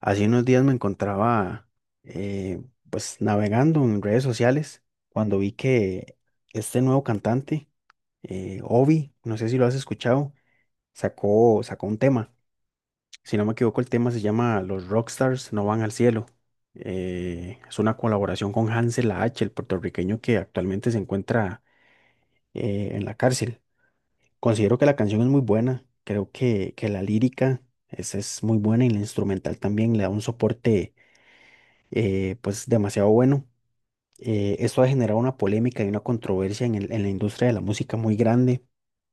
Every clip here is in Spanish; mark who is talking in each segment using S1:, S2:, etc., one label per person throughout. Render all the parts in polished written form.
S1: Hace unos días me encontraba eh, pues navegando en redes sociales cuando vi que este nuevo cantante, Ovi, no sé si lo has escuchado, sacó un tema. Si no me equivoco, el tema se llama Los Rockstars no van al cielo. Es una colaboración con Hansel A H, el puertorriqueño que actualmente se encuentra en la cárcel. Considero que la canción es muy buena, creo que la lírica es muy buena y la instrumental también le da un soporte pues demasiado bueno. Esto ha generado una polémica y una controversia en en la industria de la música muy grande,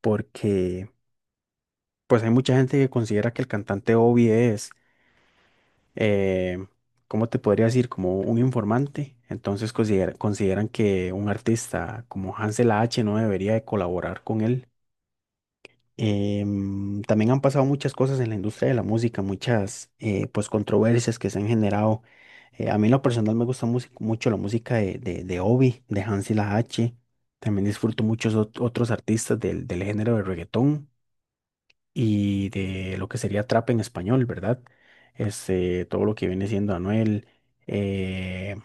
S1: porque pues hay mucha gente que considera que el cantante Obi eh, ¿cómo te podría decir? Como un informante. Entonces consideran que un artista como Hansel H no debería de colaborar con él. También han pasado muchas cosas en la industria de la música, muchas pues controversias que se han generado. A mí en lo personal me gusta mucho la música de Obi, de Hansi la H. También disfruto muchos otros artistas del género de reggaetón y de lo que sería trap en español, ¿verdad? Este, todo lo que viene siendo Anuel, eh,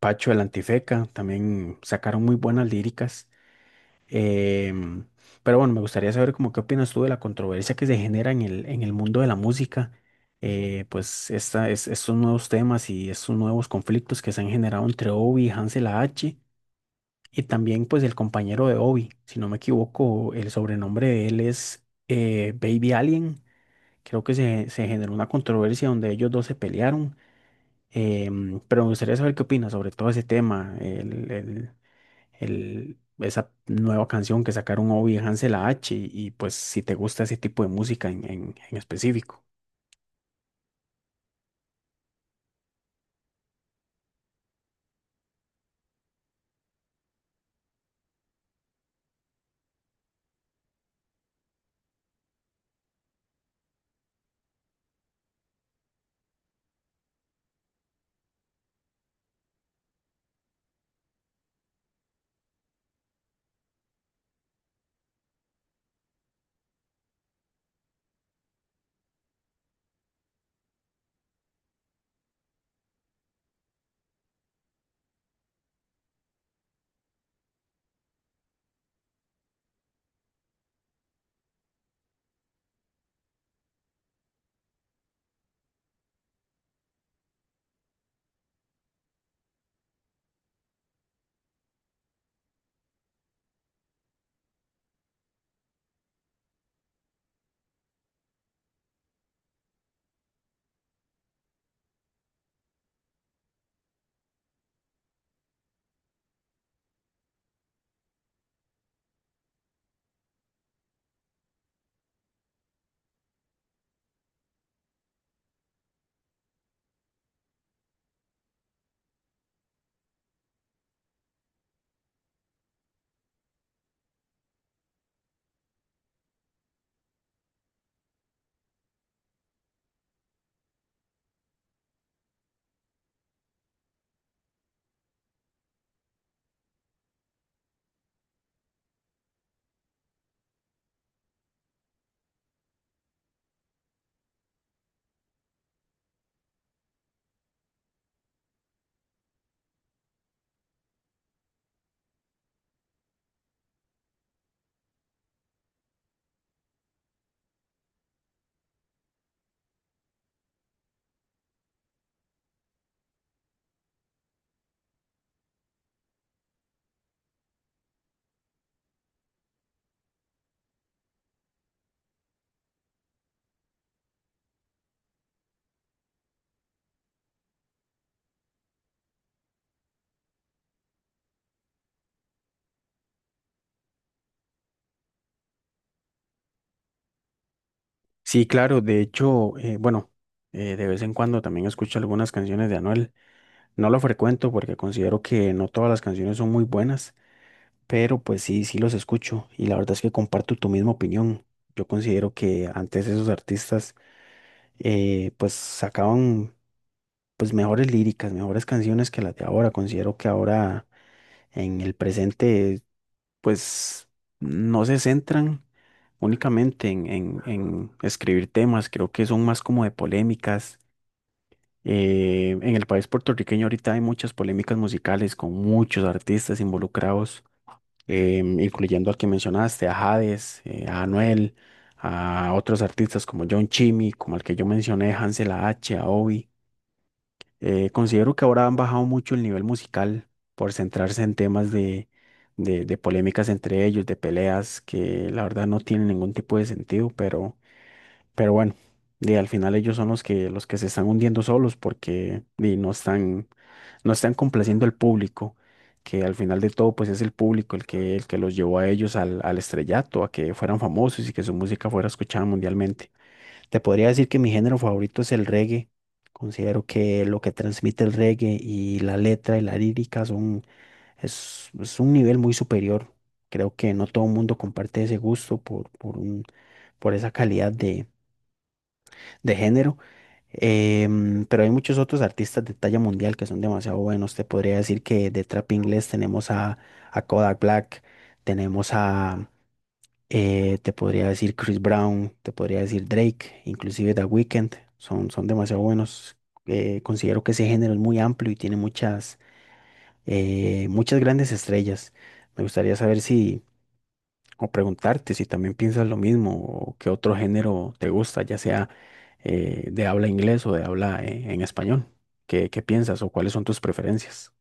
S1: Pacho el Antifeca, también sacaron muy buenas líricas. Em, pero bueno, me gustaría saber como qué opinas tú de la controversia que se genera en en el mundo de la música, pues estos nuevos temas y estos nuevos conflictos que se han generado entre Obi y Hansel A H y también pues el compañero de Obi, si no me equivoco, el sobrenombre de él es Baby Alien, creo que se generó una controversia donde ellos dos se pelearon, pero me gustaría saber qué opinas sobre todo ese tema, esa nueva canción que sacaron Obi y Hansel A H pues si te gusta ese tipo de música en, en específico. Sí, claro, de hecho, bueno, de vez en cuando también escucho algunas canciones de Anuel. No lo frecuento porque considero que no todas las canciones son muy buenas, pero pues sí, sí los escucho y la verdad es que comparto tu misma opinión. Yo considero que antes esos artistas pues sacaban pues mejores líricas, mejores canciones que las de ahora. Considero que ahora en el presente pues no se centran únicamente en, en escribir temas, creo que son más como de polémicas. En el país puertorriqueño ahorita hay muchas polémicas musicales con muchos artistas involucrados, incluyendo al que mencionaste, a Hades, a Anuel, a otros artistas como John Chimmy, como el que yo mencioné, Hansel a H, a Obi. Considero que ahora han bajado mucho el nivel musical por centrarse en temas de polémicas entre ellos, de peleas que la verdad no tienen ningún tipo de sentido, pero, bueno, al final ellos son los que, se están hundiendo solos porque no están complaciendo al público, que al final de todo pues es el público el que los llevó a ellos al estrellato, a que fueran famosos y que su música fuera escuchada mundialmente. Te podría decir que mi género favorito es el reggae. Considero que lo que transmite el reggae y la letra y la lírica es un nivel muy superior. Creo que no todo el mundo comparte ese gusto por esa calidad de género. Pero hay muchos otros artistas de talla mundial que son demasiado buenos. Te podría decir que de trap inglés tenemos a Kodak Black, tenemos a, te podría decir Chris Brown, te podría decir Drake, inclusive The Weeknd, son demasiado buenos. Considero que ese género es muy amplio y tiene muchas grandes estrellas. Me gustaría saber o preguntarte si también piensas lo mismo o qué otro género te gusta, ya sea de habla inglés o de habla en español. ¿Qué piensas o cuáles son tus preferencias?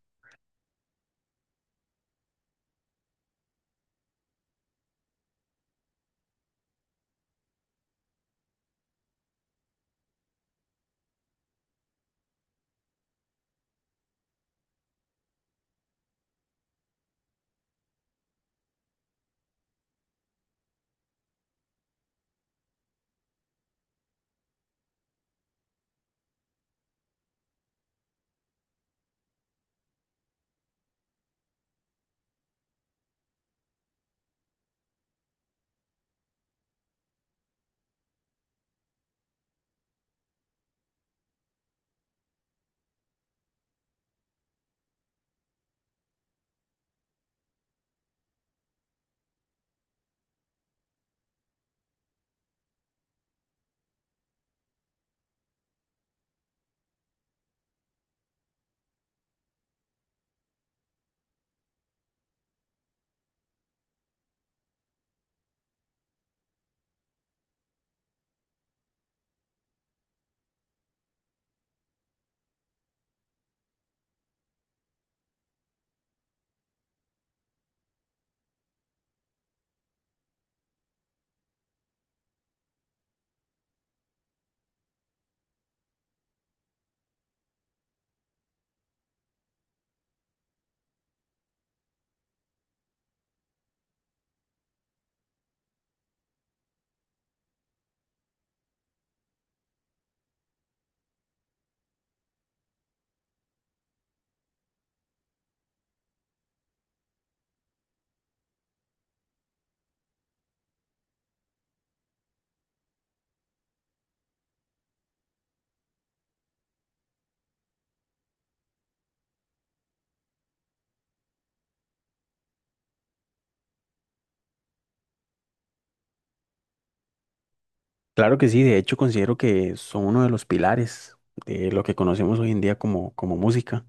S1: Claro que sí, de hecho considero que son uno de los pilares de lo que conocemos hoy en día como música.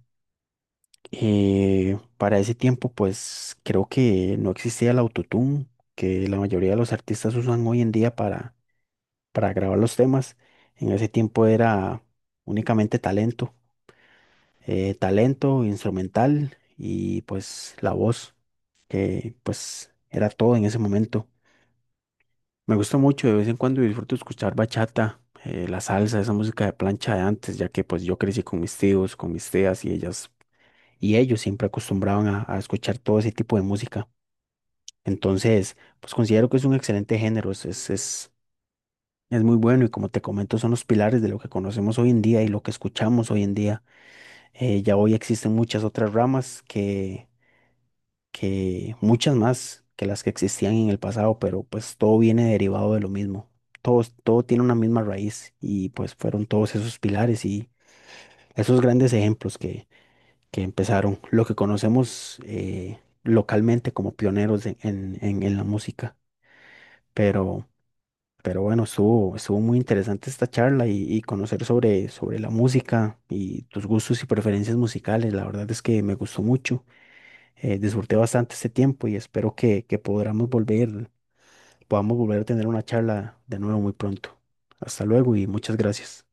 S1: Para ese tiempo, pues creo que no existía el autotune que la mayoría de los artistas usan hoy en día para grabar los temas. En ese tiempo era únicamente talento, talento instrumental y pues la voz, que pues era todo en ese momento. Me gusta mucho de vez en cuando y disfruto escuchar bachata, la salsa, esa música de plancha de antes, ya que pues yo crecí con mis tíos, con mis tías y ellas y ellos siempre acostumbraban a escuchar todo ese tipo de música. Entonces, pues considero que es un excelente género, es muy bueno y como te comento, son los pilares de lo que conocemos hoy en día y lo que escuchamos hoy en día. Ya hoy existen muchas otras ramas que muchas más que las que existían en el pasado, pero pues todo viene derivado de lo mismo. Todo tiene una misma raíz y pues fueron todos esos pilares y esos grandes ejemplos que empezaron lo que conocemos localmente como pioneros en, en la música. Pero, bueno, estuvo muy interesante esta charla y conocer sobre la música y tus gustos y preferencias musicales. La verdad es que me gustó mucho. Disfruté bastante este tiempo y espero que podamos volver, a tener una charla de nuevo muy pronto. Hasta luego y muchas gracias.